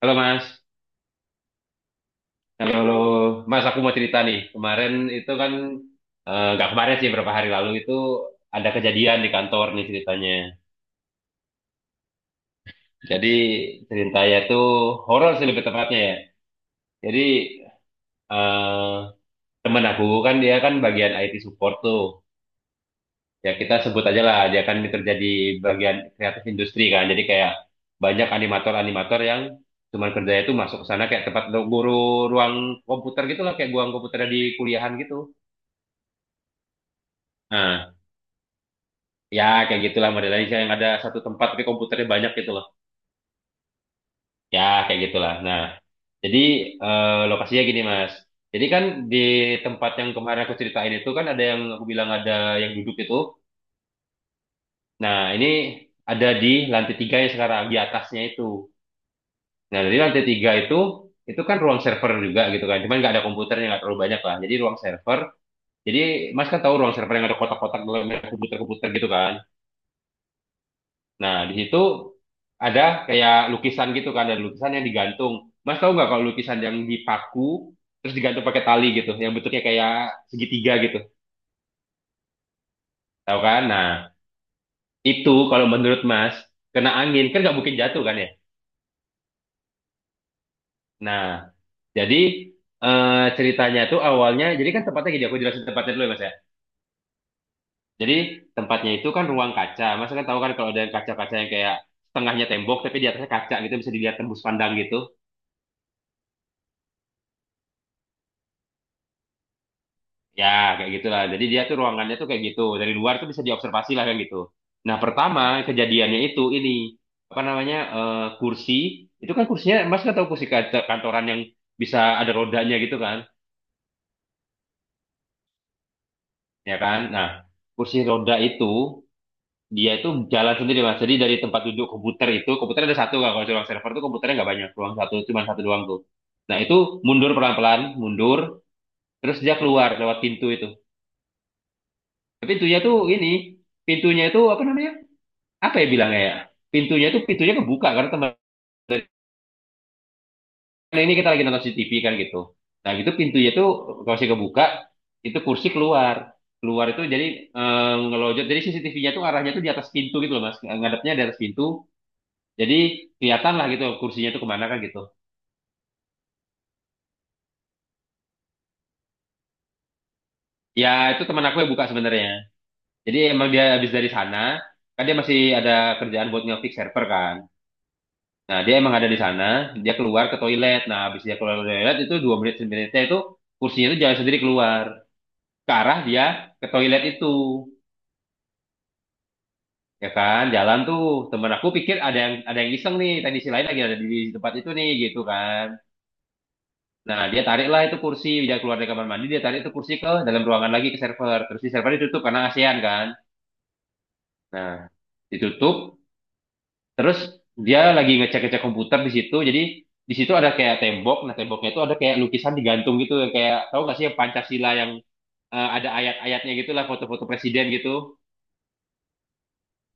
Halo Mas, halo, halo. Mas, aku mau cerita nih. Kemarin itu kan, eh, nggak kemarin sih, beberapa hari lalu itu ada kejadian di kantor nih ceritanya. Jadi ceritanya itu horor sih lebih tepatnya ya. Jadi, eh temen aku kan dia kan bagian IT support tuh. Ya kita sebut aja lah, dia kan kerja di bagian kreatif industri kan. Jadi kayak banyak animator-animator yang cuman kerjanya itu masuk ke sana kayak tempat guru ruang komputer gitu lah, kayak ruang komputer di kuliahan gitu. Nah, ya, kayak gitulah modelnya kayak yang ada satu tempat tapi komputernya banyak gitu loh. Ya, kayak gitulah. Nah, jadi, lokasinya gini, Mas. Jadi kan di tempat yang kemarin aku ceritain itu kan ada yang aku bilang ada yang duduk itu. Nah, ini ada di lantai tiga yang sekarang di atasnya itu. Nah, dari lantai tiga itu kan ruang server juga gitu kan. Cuman nggak ada komputernya nggak terlalu banyak lah. Jadi ruang server. Jadi Mas kan tahu ruang server yang ada kotak-kotak dalam komputer-komputer gitu kan. Nah, di situ ada kayak lukisan gitu kan, ada lukisan yang digantung. Mas tahu nggak kalau lukisan yang dipaku terus digantung pakai tali gitu, yang bentuknya kayak segitiga gitu, tahu kan? Nah, itu kalau menurut Mas kena angin kan nggak mungkin jatuh kan ya? Nah, jadi, ceritanya tuh awalnya, jadi kan tempatnya gini, aku jelasin tempatnya dulu ya Mas ya. Jadi tempatnya itu kan ruang kaca, Mas kan tahu kan kalau ada yang kaca-kaca yang kayak setengahnya tembok tapi di atasnya kaca gitu bisa dilihat tembus pandang gitu. Ya, kayak gitulah. Jadi dia tuh ruangannya tuh kayak gitu. Dari luar tuh bisa diobservasi lah kayak gitu. Nah, pertama kejadiannya itu ini apa namanya, kursi itu kan kursinya Mas kan tahu kursi kantoran yang bisa ada rodanya gitu kan, ya kan? Nah, kursi roda itu dia itu jalan sendiri Mas. Jadi dari tempat duduk komputer itu komputer ada satu kan, kalau di ruang server tuh komputernya nggak banyak, ruang satu cuma satu doang tuh. Nah, itu mundur pelan-pelan, mundur terus dia keluar lewat pintu itu. Tapi pintunya tuh ini pintunya itu apa namanya? Apa ya bilangnya ya, pintunya tuh pintunya kebuka karena teman, karena ini kita lagi nonton CCTV kan gitu, nah gitu pintunya tuh kalau kebuka itu kursi keluar keluar itu jadi, eh, ngelojot, jadi CCTV-nya tuh arahnya tuh di atas pintu gitu loh mas, ngadepnya di atas pintu, jadi kelihatan lah gitu kursinya tuh kemana kan gitu. Ya, itu teman aku yang buka sebenarnya, jadi emang dia habis dari sana, kan dia masih ada kerjaan buat ngefix server kan. Nah, dia emang ada di sana, dia keluar ke toilet. Nah, habis dia keluar ke toilet itu dua menit sebenarnya itu kursinya itu jalan sendiri keluar ke arah dia ke toilet itu. Ya kan, jalan tuh. Temen aku pikir ada yang iseng nih, teknisi lain lagi ada di tempat itu nih gitu kan. Nah, dia tariklah itu kursi, dia keluar dari kamar mandi, dia tarik itu kursi ke dalam ruangan lagi ke server. Terus di server ditutup karena ASEAN kan. Nah, ditutup. Terus dia lagi ngecek-ngecek komputer di situ. Jadi di situ ada kayak tembok. Nah, temboknya itu ada kayak lukisan digantung gitu yang kayak, tahu nggak sih yang Pancasila yang, ada ayat-ayatnya gitulah, foto-foto presiden gitu.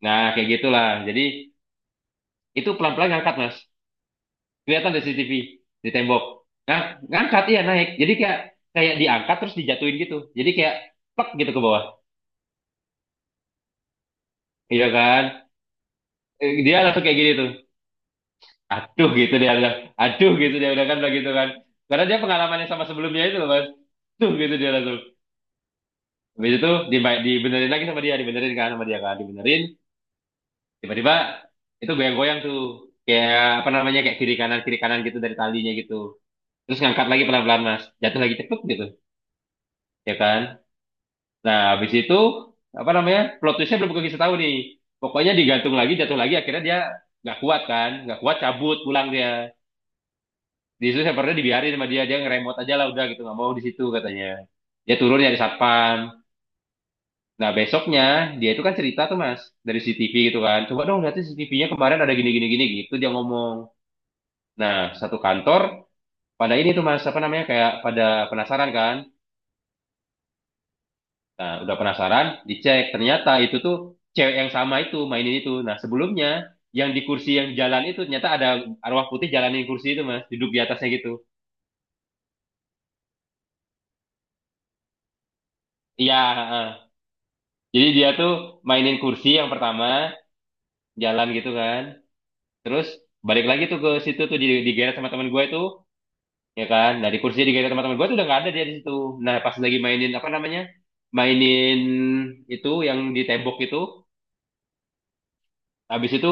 Nah, kayak gitulah. Jadi itu pelan-pelan ngangkat, Mas. Kelihatan dari CCTV di tembok. Nah, ngangkat iya naik. Jadi kayak kayak diangkat terus dijatuhin gitu. Jadi kayak plek gitu ke bawah. Iya kan? Dia langsung kayak gini tuh. Aduh gitu dia bilang, aduh gitu dia bilang kan begitu kan, karena dia pengalamannya sama sebelumnya itu loh, mas, tuh gitu dia langsung. Habis itu dibenerin lagi sama dia, dibenerin kan sama dia kan dibenerin, tiba-tiba itu goyang-goyang tuh kayak apa namanya, kayak kiri kanan gitu dari talinya gitu, terus ngangkat lagi pelan-pelan mas, jatuh lagi cepet gitu, ya kan. Nah habis itu apa namanya, plot twistnya belum kita tahu nih, pokoknya digantung lagi jatuh lagi, akhirnya dia nggak kuat kan, nggak kuat cabut pulang dia, di situ servernya dibiarin sama dia, dia ngeremot aja lah udah gitu nggak mau di situ katanya, dia turun nyari satpam. Nah besoknya, dia itu kan cerita tuh mas dari CCTV gitu kan, coba dong lihat CCTV-nya kemarin ada gini gini gini gitu dia ngomong. Nah satu kantor pada ini tuh mas apa namanya kayak pada penasaran kan. Nah udah penasaran dicek ternyata itu tuh cewek yang sama itu mainin itu, nah sebelumnya yang di kursi yang jalan itu ternyata ada arwah putih jalanin kursi itu mas, duduk di atasnya gitu. Iya, heeh. Jadi dia tuh mainin kursi yang pertama jalan gitu kan. Terus balik lagi tuh ke situ tuh digeret sama teman gue itu, ya kan. Nah di kursi digeret sama teman gue tuh udah nggak ada dia di situ. Nah pas lagi mainin apa namanya, mainin itu yang di tembok itu, habis itu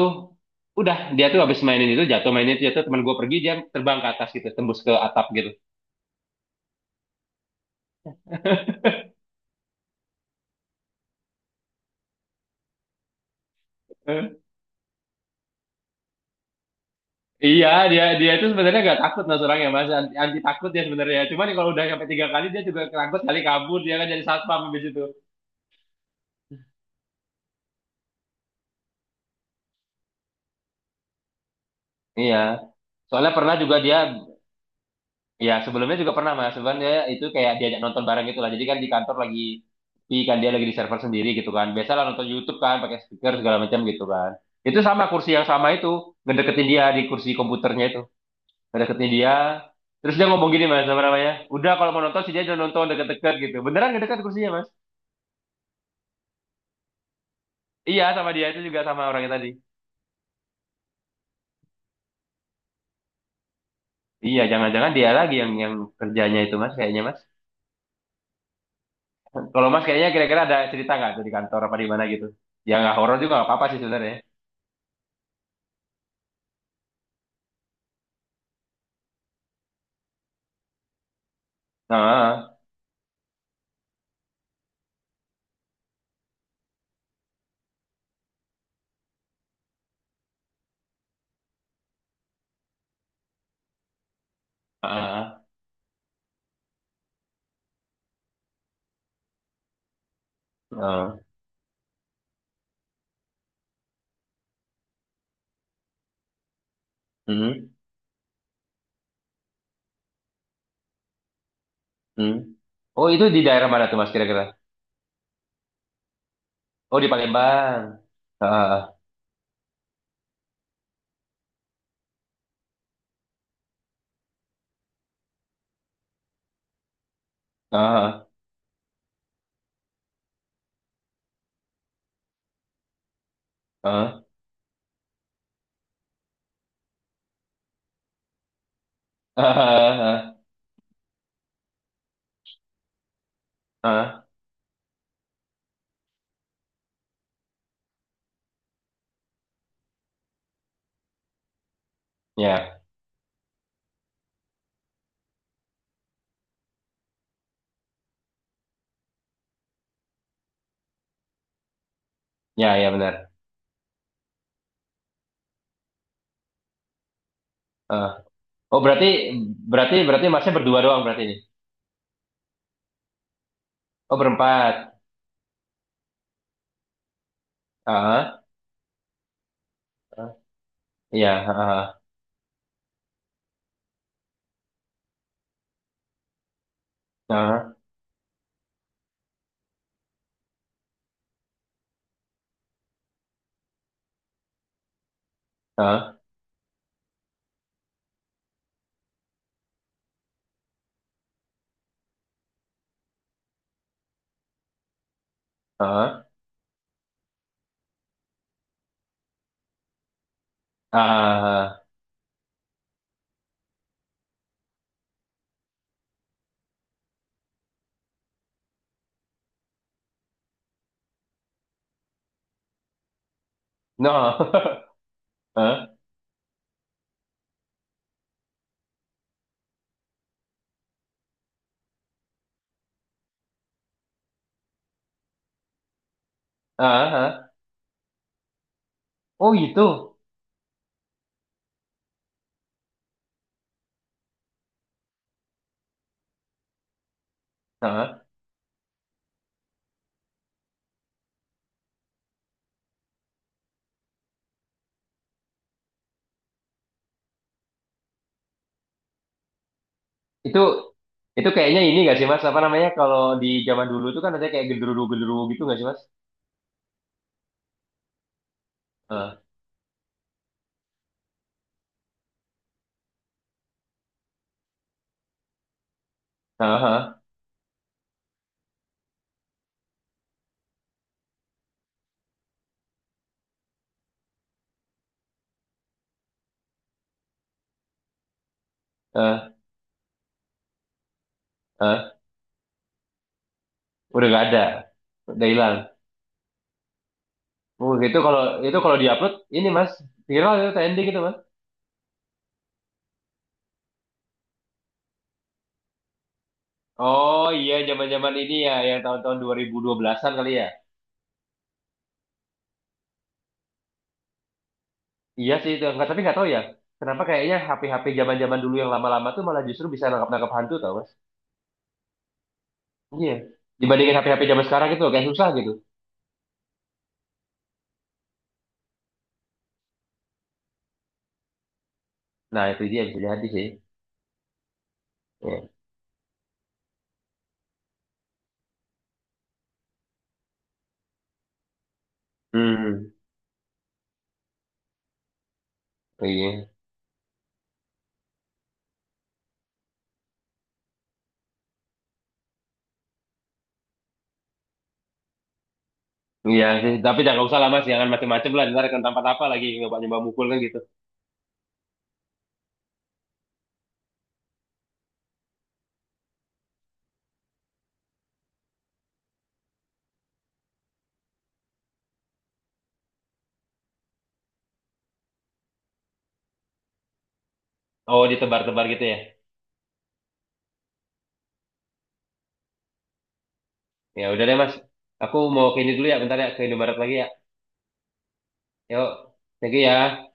udah, dia tuh habis mainin itu jatuh teman gue pergi, dia terbang ke atas gitu tembus ke atap gitu. Eh, Iya dia dia itu sebenarnya nggak takut mas orangnya, mas anti, anti takut dia sebenarnya. Cuman kalau udah sampai tiga kali dia juga takut kali, kabur dia, kan jadi satpam di situ. Iya. Soalnya pernah juga dia, ya, sebelumnya juga pernah Mas. Sebenarnya itu kayak diajak nonton bareng gitu lah. Jadi kan di kantor lagi, di, kan dia lagi di server sendiri gitu kan. Biasalah nonton YouTube kan pakai speaker segala macam gitu kan. Itu sama kursi yang sama itu, ngedeketin dia di kursi komputernya itu. Ngedeketin dia. Terus dia ngomong gini Mas, apa namanya? Udah kalau mau nonton si dia udah nonton deket-deket gitu. Beneran ngedekat kursinya Mas? Iya, sama dia itu juga sama orangnya tadi. Iya, jangan-jangan dia lagi yang kerjanya itu Mas, kayaknya Mas. Kalau Mas kayaknya kira-kira ada cerita nggak tuh di kantor apa di mana gitu? Ya nggak horor juga nggak apa-apa sih sebenarnya. Nah. Ah, ah, hmm, hmm. Oh, itu di daerah mana tuh Mas kira-kira? Oh, di Palembang. Ah, ah, ah, ah, ah, ah. Ya, ya, ya benar. Ah. Oh, berarti berarti berarti Masnya berdua doang berarti ini. Oh, berempat. Ah, ah. Iya, ah, ah, ah, ah, ah. No. Ah, ah, ah. Oh, gitu. Ah, itu itu kayaknya ini gak sih Mas? Apa namanya kalau di zaman dulu tuh kan ada kayak genderuwo-genderuwo gitu gak sih Mas? Heeh, heeh, heeh, heeh. Udah gak ada, udah hilang. Oh, itu kalau diupload ini mas, viral itu, trending itu mas. Oh iya zaman-zaman ini ya yang tahun-tahun 2012-an kali ya. Iya sih itu enggak tapi nggak tahu ya. Kenapa kayaknya HP-HP zaman-zaman dulu yang lama-lama tuh malah justru bisa nangkap-nangkap hantu tau mas. Iya. Dibandingin HP-HP zaman sekarang gitu kayak susah gitu. Nah itu dia bisa jadi sih. Iya. Hmm. Iya. Iya sih, tapi jangan usah lah mas, jangan macem-macem lah, ntar akan tampak apa lagi nyoba-nyoba mukul kan gitu. Oh, ditebar-tebar gitu ya. Ya udah deh Mas. Aku mau ke ini dulu ya, bentar ya, ke Indomaret lagi ya. Yuk. Thank you ya.